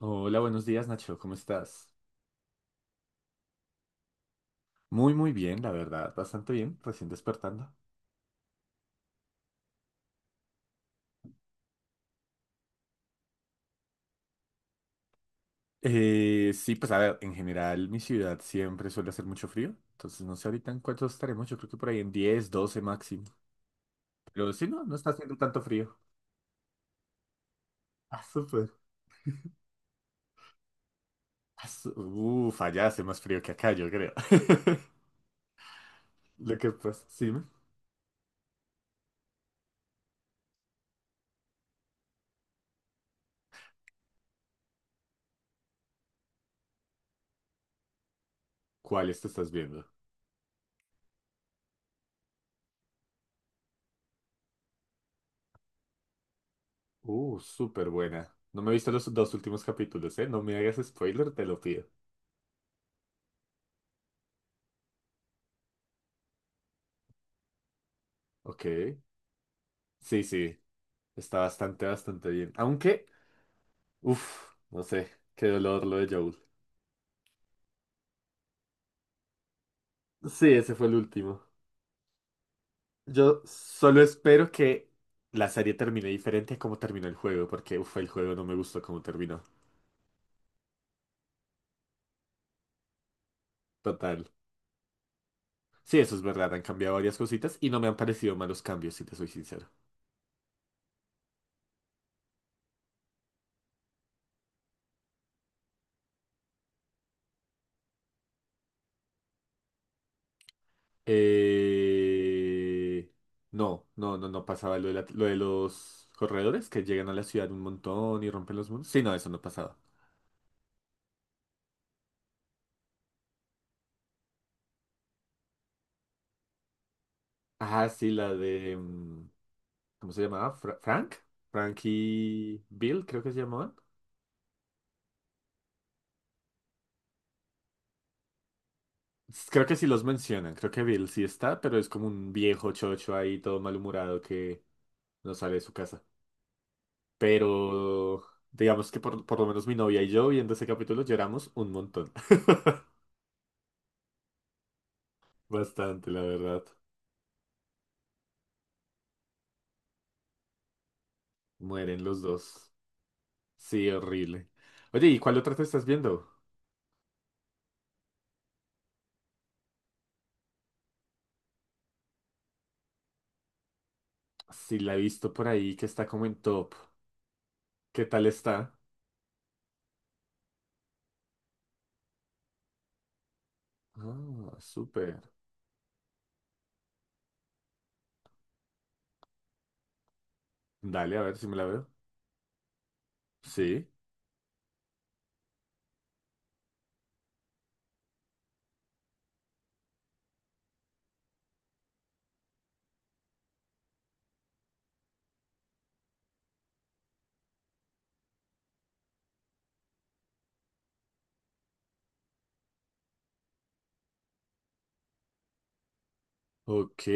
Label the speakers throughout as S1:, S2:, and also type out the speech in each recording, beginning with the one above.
S1: Hola, buenos días, Nacho, ¿cómo estás? Muy, muy bien, la verdad, bastante bien, recién despertando. Sí, pues a ver, en general mi ciudad siempre suele hacer mucho frío, entonces no sé ahorita en cuánto estaremos, yo creo que por ahí en 10-12 máximo. Pero sí, no, no está haciendo tanto frío. Ah, súper. Ah, uf, allá hace más frío que acá, yo creo. Lo que pasa, sí, ¿me? ¿Cuáles te estás viendo? Súper buena. No me he visto los dos últimos capítulos, ¿eh? No me hagas spoiler, te lo pido. Ok. Sí, sí. Está bastante, bastante bien. Aunque, uff, no sé, qué dolor lo de Joel. Sí, ese fue el último. Yo solo espero que la serie termine diferente a cómo terminó el juego, porque uff, el juego no me gustó cómo terminó. Total. Sí, eso es verdad, han cambiado varias cositas y no me han parecido malos cambios, si te soy sincero. Eh... No, no, no, no pasaba lo de, lo de los corredores que llegan a la ciudad un montón y rompen los muros. Sí, no, eso no pasaba. Ah, sí, la de, ¿cómo se llamaba? Frank. Frank y Bill, creo que se llamaban. Creo que sí los mencionan. Creo que Bill sí está, pero es como un viejo chocho ahí, todo malhumorado que no sale de su casa. Pero digamos que por lo menos mi novia y yo viendo ese capítulo lloramos un montón. Bastante, la verdad. Mueren los dos. Sí, horrible. Oye, ¿y cuál otra te estás viendo? Sí, la he visto por ahí que está como en top. ¿Qué tal está? Ah, súper. Dale, a ver si me la veo. Sí. Ok.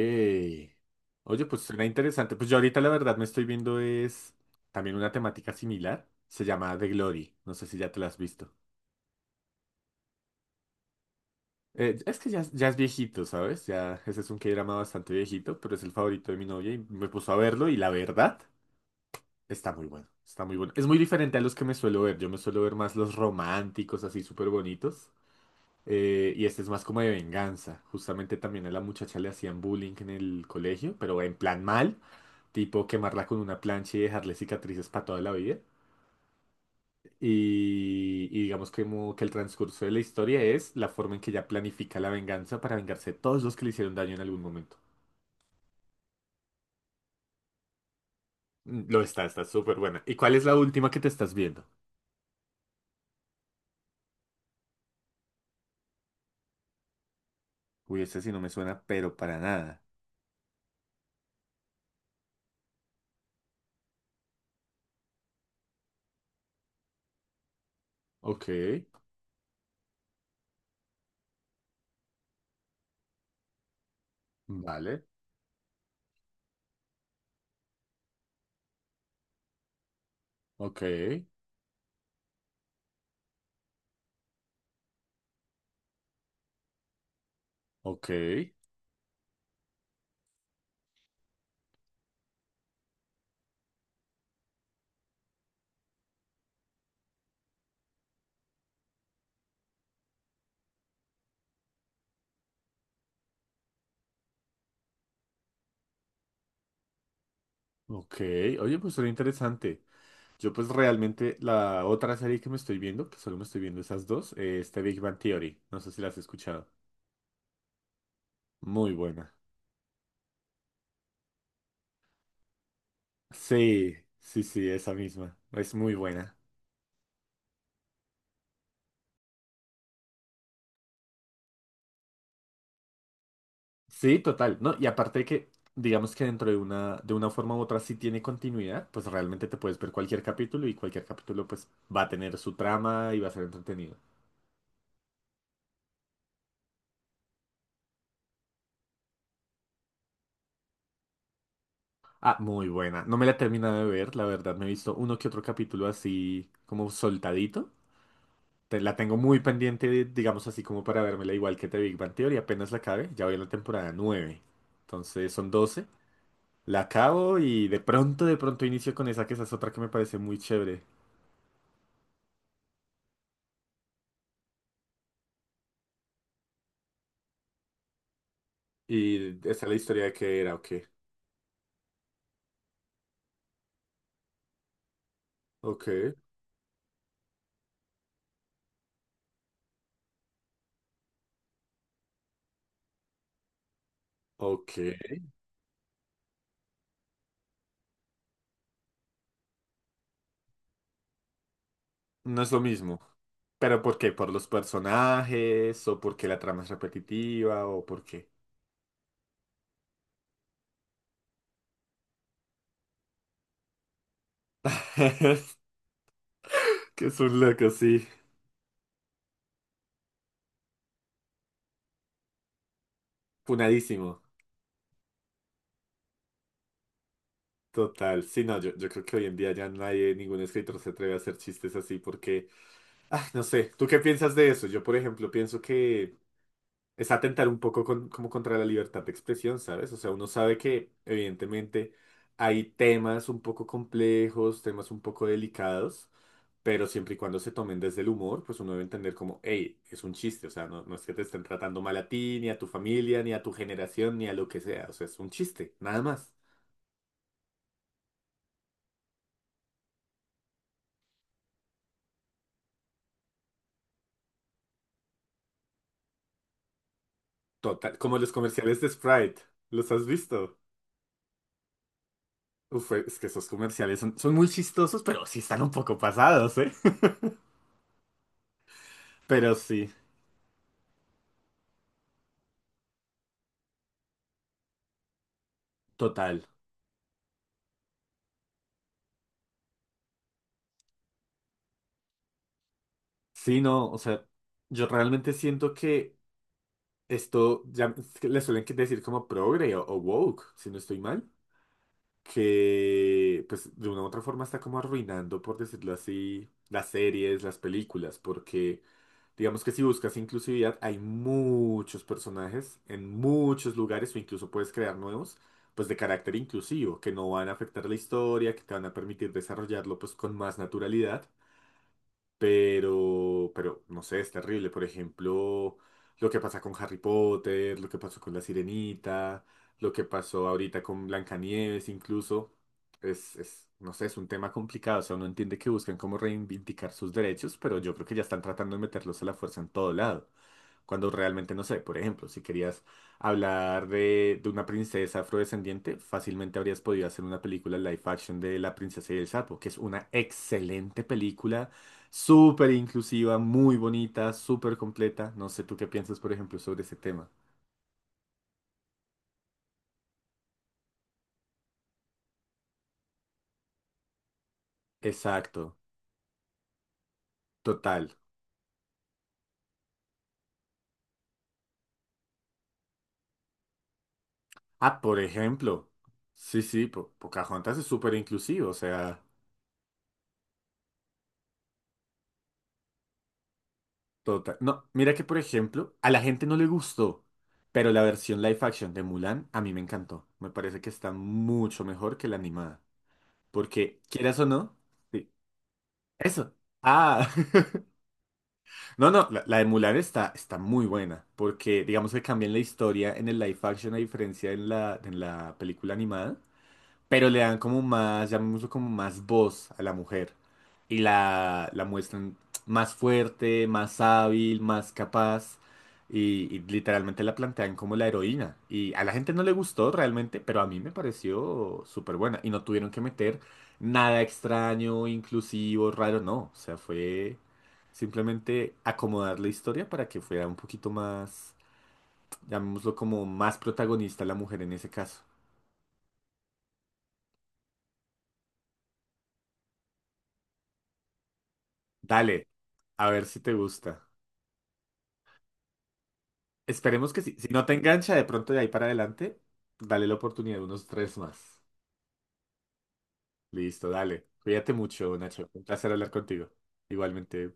S1: Oye, pues suena interesante. Pues yo ahorita la verdad me estoy viendo es también una temática similar. Se llama The Glory. No sé si ya te la has visto. Es que ya, ya es viejito, ¿sabes? Ya ese es un K-drama bastante viejito, pero es el favorito de mi novia y me puso a verlo y la verdad está muy bueno. Está muy bueno. Es muy diferente a los que me suelo ver. Yo me suelo ver más los románticos, así súper bonitos. Y este es más como de venganza. Justamente también a la muchacha le hacían bullying en el colegio, pero en plan mal, tipo quemarla con una plancha y dejarle cicatrices para toda la vida. Y digamos que, como que el transcurso de la historia es la forma en que ella planifica la venganza para vengarse de todos los que le hicieron daño en algún momento. Está súper buena. ¿Y cuál es la última que te estás viendo? Uy, esta sí no me suena, pero para nada. Ok, vale, ok, ok, ok. Oye, pues suena interesante. Yo pues realmente la otra serie que me estoy viendo, que solo me estoy viendo esas dos, es The Big Bang Theory. No sé si la has escuchado. Muy buena. Sí, sí, sí, esa misma. Es muy buena. Sí, total, ¿no? Y aparte de que, digamos que dentro de una, forma u otra sí tiene continuidad, pues realmente te puedes ver cualquier capítulo y cualquier capítulo pues va a tener su trama y va a ser entretenido. Ah, muy buena. No me la he terminado de ver, la verdad, me he visto uno que otro capítulo así como soltadito. La tengo muy pendiente, digamos así como para vérmela igual que The Big Bang Theory, apenas la acabe, ya voy en la temporada 9. Entonces son 12. La acabo y de pronto inicio con esa, que esa es otra que me parece muy chévere. Y está la historia de que era, ok, ok, ok. No es lo mismo. ¿Pero por qué? ¿Por los personajes? ¿O porque la trama es repetitiva? ¿O por qué? Que es un loco, sí. Punadísimo. Total. Sí, no, yo creo que hoy en día ya nadie, ningún escritor se atreve a hacer chistes así porque, ah, no sé, ¿tú qué piensas de eso? Yo, por ejemplo, pienso que es atentar un poco como contra la libertad de expresión, ¿sabes? O sea, uno sabe que evidentemente hay temas un poco complejos, temas un poco delicados, pero siempre y cuando se tomen desde el humor, pues uno debe entender como, hey, es un chiste, o sea, no, no es que te estén tratando mal a ti, ni a tu familia, ni a tu generación, ni a lo que sea, o sea, es un chiste, nada más. Total, como los comerciales de Sprite, ¿los has visto? Uf, es que esos comerciales son muy chistosos, pero sí están un poco pasados, ¿eh? Pero sí, total. Sí, no, o sea, yo realmente siento que esto, ya es que le suelen que decir como progre o woke, si no estoy mal, que pues de una u otra forma está como arruinando, por decirlo así, las series, las películas, porque digamos que si buscas inclusividad hay muchos personajes en muchos lugares o incluso puedes crear nuevos, pues de carácter inclusivo, que no van a afectar la historia, que te van a permitir desarrollarlo pues con más naturalidad, pero no sé, es terrible. Por ejemplo, lo que pasa con Harry Potter, lo que pasó con La Sirenita, lo que pasó ahorita con Blancanieves, incluso. Es, no sé, es un tema complicado. O sea, uno entiende que buscan cómo reivindicar sus derechos, pero yo creo que ya están tratando de meterlos a la fuerza en todo lado. Cuando realmente no sé, por ejemplo, si querías hablar de, una princesa afrodescendiente, fácilmente habrías podido hacer una película live action de La princesa y el sapo, que es una excelente película, súper inclusiva, muy bonita, súper completa. No sé tú qué piensas, por ejemplo, sobre ese tema. Exacto, total. Ah, por ejemplo. Sí, sí, Pocahontas es súper inclusivo, o sea, total. No, mira que, por ejemplo, a la gente no le gustó, pero la versión live action de Mulan a mí me encantó. Me parece que está mucho mejor que la animada. Porque, quieras o no, sí, eso. Ah. No, no, la de Mulan está muy buena, porque digamos que cambian la historia en el live action a diferencia en la película animada, pero le dan como más, llamémoslo como más voz a la mujer y la muestran más fuerte, más hábil, más capaz y literalmente la plantean como la heroína. Y a la gente no le gustó realmente, pero a mí me pareció súper buena y no tuvieron que meter nada extraño, inclusivo, raro, no. O sea, fue simplemente acomodar la historia para que fuera un poquito más, llamémoslo como más protagonista la mujer en ese caso. Dale, a ver si te gusta. Esperemos que sí. Si no te engancha de pronto de ahí para adelante, dale la oportunidad de unos tres más. Listo, dale. Cuídate mucho, Nacho. Un placer hablar contigo. Igualmente.